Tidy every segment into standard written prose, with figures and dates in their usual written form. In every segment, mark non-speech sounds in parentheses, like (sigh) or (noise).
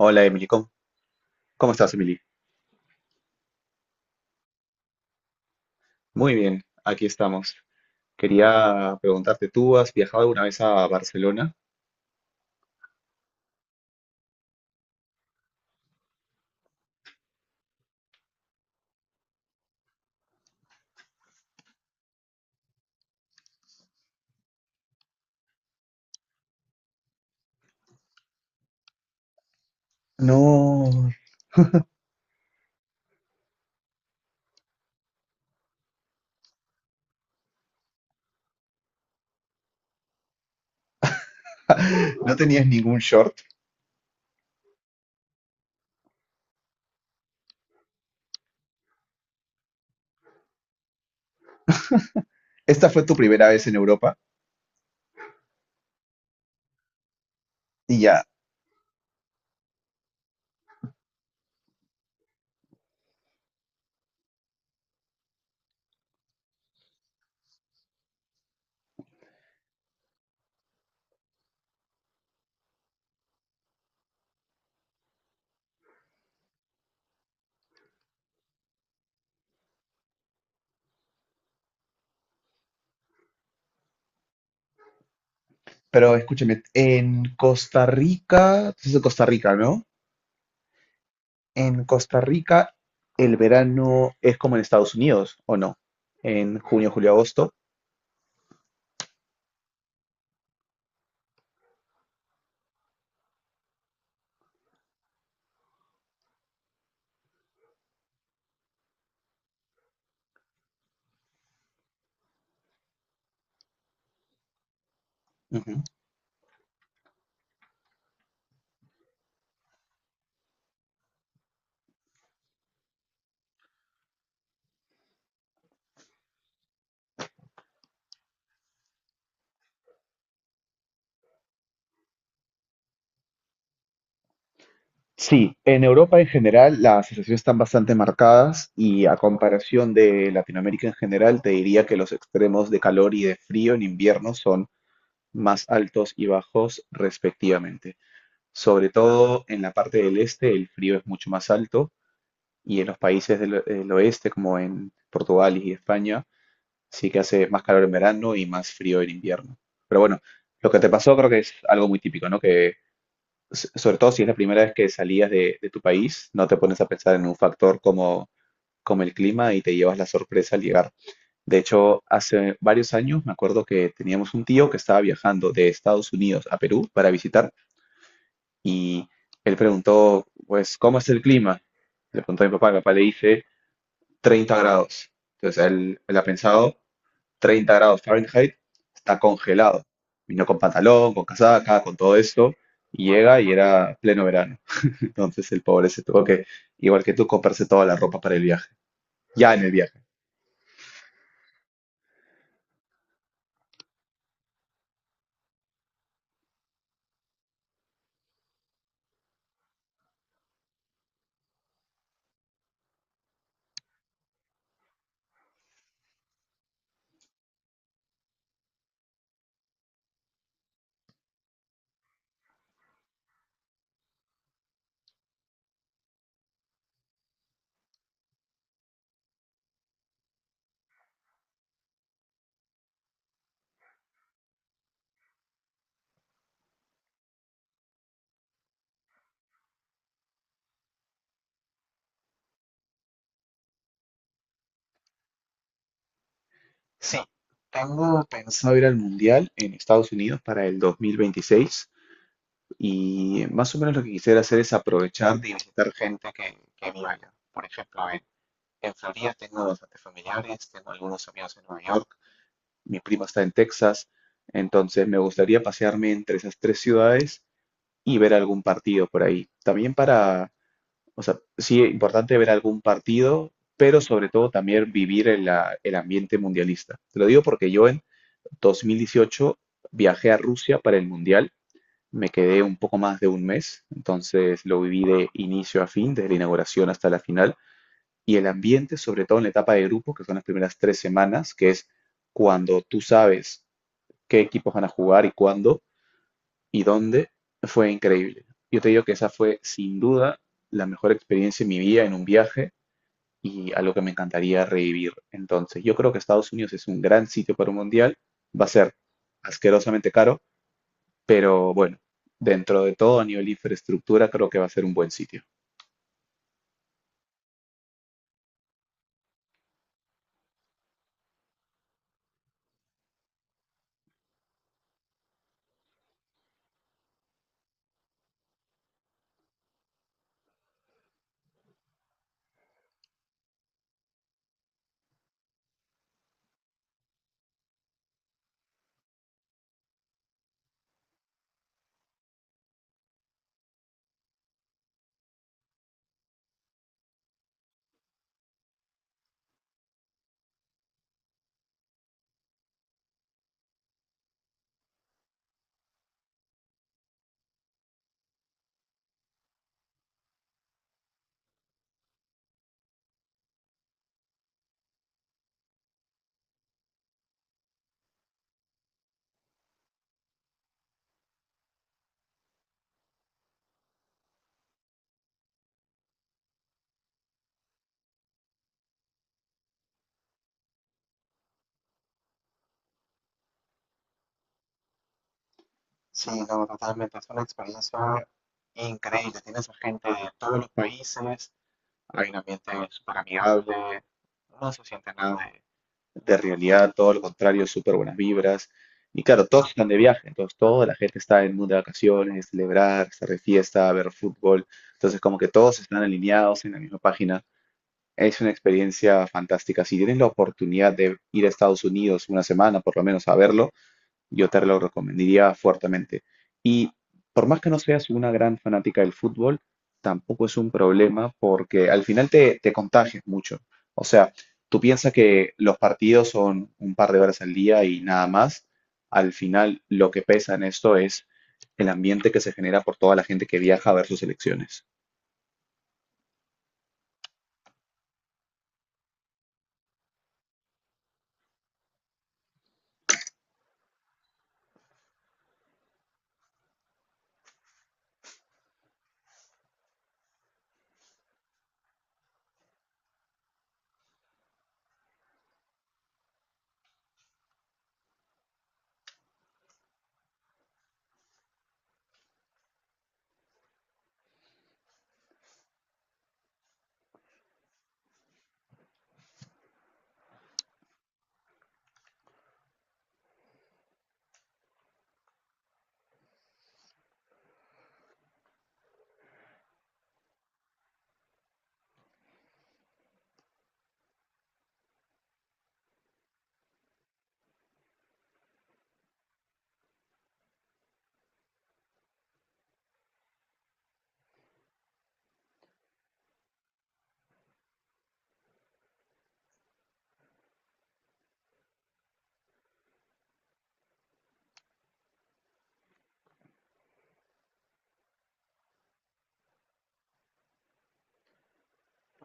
Hola Emily, ¿cómo estás Emily? Muy bien, aquí estamos. Quería preguntarte, ¿tú has viajado alguna vez a Barcelona? No, (laughs) no tenías ningún short. Esta fue tu primera vez en Europa y ya. Pero escúchame, en Costa Rica, tú estás en Costa Rica, ¿no? En Costa Rica el verano es como en Estados Unidos, ¿o no? En junio, julio, agosto. Sí, en Europa en general las sensaciones están bastante marcadas y a comparación de Latinoamérica en general, te diría que los extremos de calor y de frío en invierno son más altos y bajos respectivamente. Sobre todo en la parte del este el frío es mucho más alto y en los países del oeste como en Portugal y España sí que hace más calor en verano y más frío en invierno. Pero bueno, lo que te pasó creo que es algo muy típico, ¿no? Que sobre todo si es la primera vez que salías de tu país, no te pones a pensar en un factor como el clima y te llevas la sorpresa al llegar. De hecho, hace varios años me acuerdo que teníamos un tío que estaba viajando de Estados Unidos a Perú para visitar y él preguntó, pues, ¿cómo es el clima? Le preguntó a mi papá le dice 30 grados. Entonces él ha pensado 30 grados Fahrenheit, está congelado. Vino con pantalón, con casaca, con todo esto, y llega y era pleno verano. Entonces el pobre se tuvo que, igual que tú, comprarse toda la ropa para el viaje. Ya en el viaje. Tengo pensado ir al Mundial en Estados Unidos para el 2026 y más o menos lo que quisiera hacer es aprovechar de visitar gente que viva allá. Por ejemplo, mi prima está en Texas, entonces me gustaría pasearme entre esas tres ciudades y ver algún partido por ahí. También para, o sea, sí, es importante ver algún partido, pero sobre todo también vivir el, el ambiente mundialista. Te lo digo porque yo en 2018 viajé a Rusia para el Mundial, me quedé un poco más de un mes, entonces lo viví de inicio a fin, desde la inauguración hasta la final, y el ambiente, sobre todo en la etapa de grupo, que son las primeras tres semanas, que es cuando tú sabes qué equipos van a jugar y cuándo y dónde, fue increíble. Yo te digo que esa fue sin duda la mejor experiencia en mi vida en un viaje y algo que me encantaría revivir. Entonces, yo creo que Estados Unidos es un gran sitio para un mundial, va a ser asquerosamente caro, pero bueno, dentro de todo, a nivel de infraestructura, creo que va a ser un buen sitio. De realidad, todo lo contrario, súper buenas vibras. Y claro, todos están de viaje, entonces toda la gente está en el mundo de vacaciones, celebrar, estar de fiesta, ver fútbol. Entonces, como que todos están alineados en la misma página. Es una experiencia fantástica. Si tienes la oportunidad de ir a Estados Unidos una semana, por lo menos, a verlo, yo te lo recomendaría fuertemente. Y por más que no seas una gran fanática del fútbol, tampoco es un problema porque al final te contagias mucho. O sea, tú piensas que los partidos son un par de horas al día y nada más. Al final lo que pesa en esto es el ambiente que se genera por toda la gente que viaja a ver sus elecciones.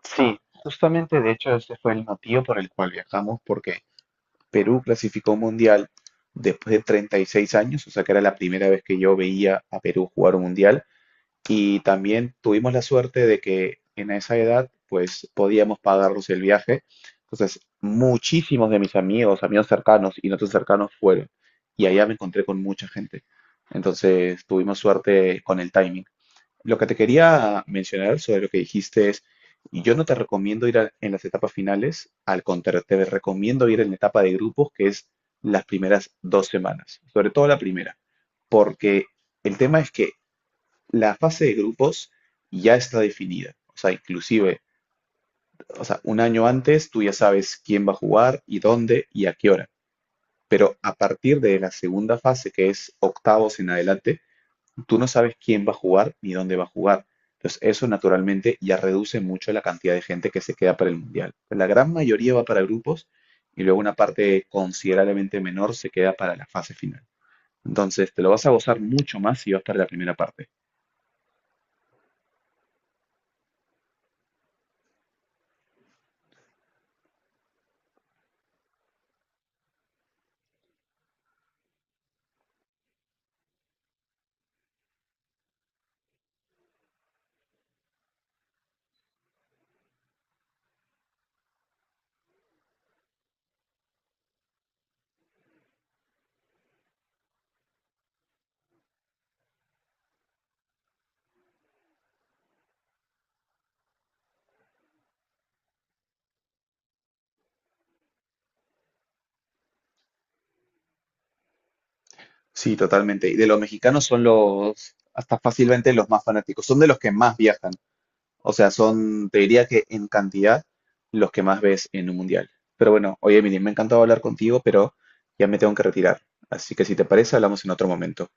Sí, justamente de hecho ese fue el motivo por el cual viajamos, porque Perú clasificó un mundial después de 36 años, o sea que era la primera vez que yo veía a Perú jugar un mundial. Y también tuvimos la suerte de que en esa edad, pues podíamos pagarnos el viaje. Entonces, muchísimos de mis amigos, amigos cercanos y no tan cercanos fueron. Y allá me encontré con mucha gente. Entonces, tuvimos suerte con el timing. Lo que te quería mencionar sobre lo que dijiste es, yo no te recomiendo ir en las etapas finales, al contrario, te recomiendo ir en la etapa de grupos, que es las primeras dos semanas, sobre todo la primera, porque el tema es que la fase de grupos ya está definida, o sea, inclusive, o sea, un año antes tú ya sabes quién va a jugar y dónde y a qué hora, pero a partir de la segunda fase, que es octavos en adelante, tú no sabes quién va a jugar ni dónde va a jugar. Entonces, eso naturalmente ya reduce mucho la cantidad de gente que se queda para el mundial. Pues, la gran mayoría va para grupos y luego una parte considerablemente menor se queda para la fase final. Entonces, te lo vas a gozar mucho más si vas para la primera parte. Sí, totalmente. Y de los mexicanos son los, hasta fácilmente los más fanáticos. Son de los que más viajan. O sea, son, te diría que en cantidad los que más ves en un mundial. Pero bueno, oye, Emily, me ha encantado hablar contigo, pero ya me tengo que retirar. Así que si te parece, hablamos en otro momento.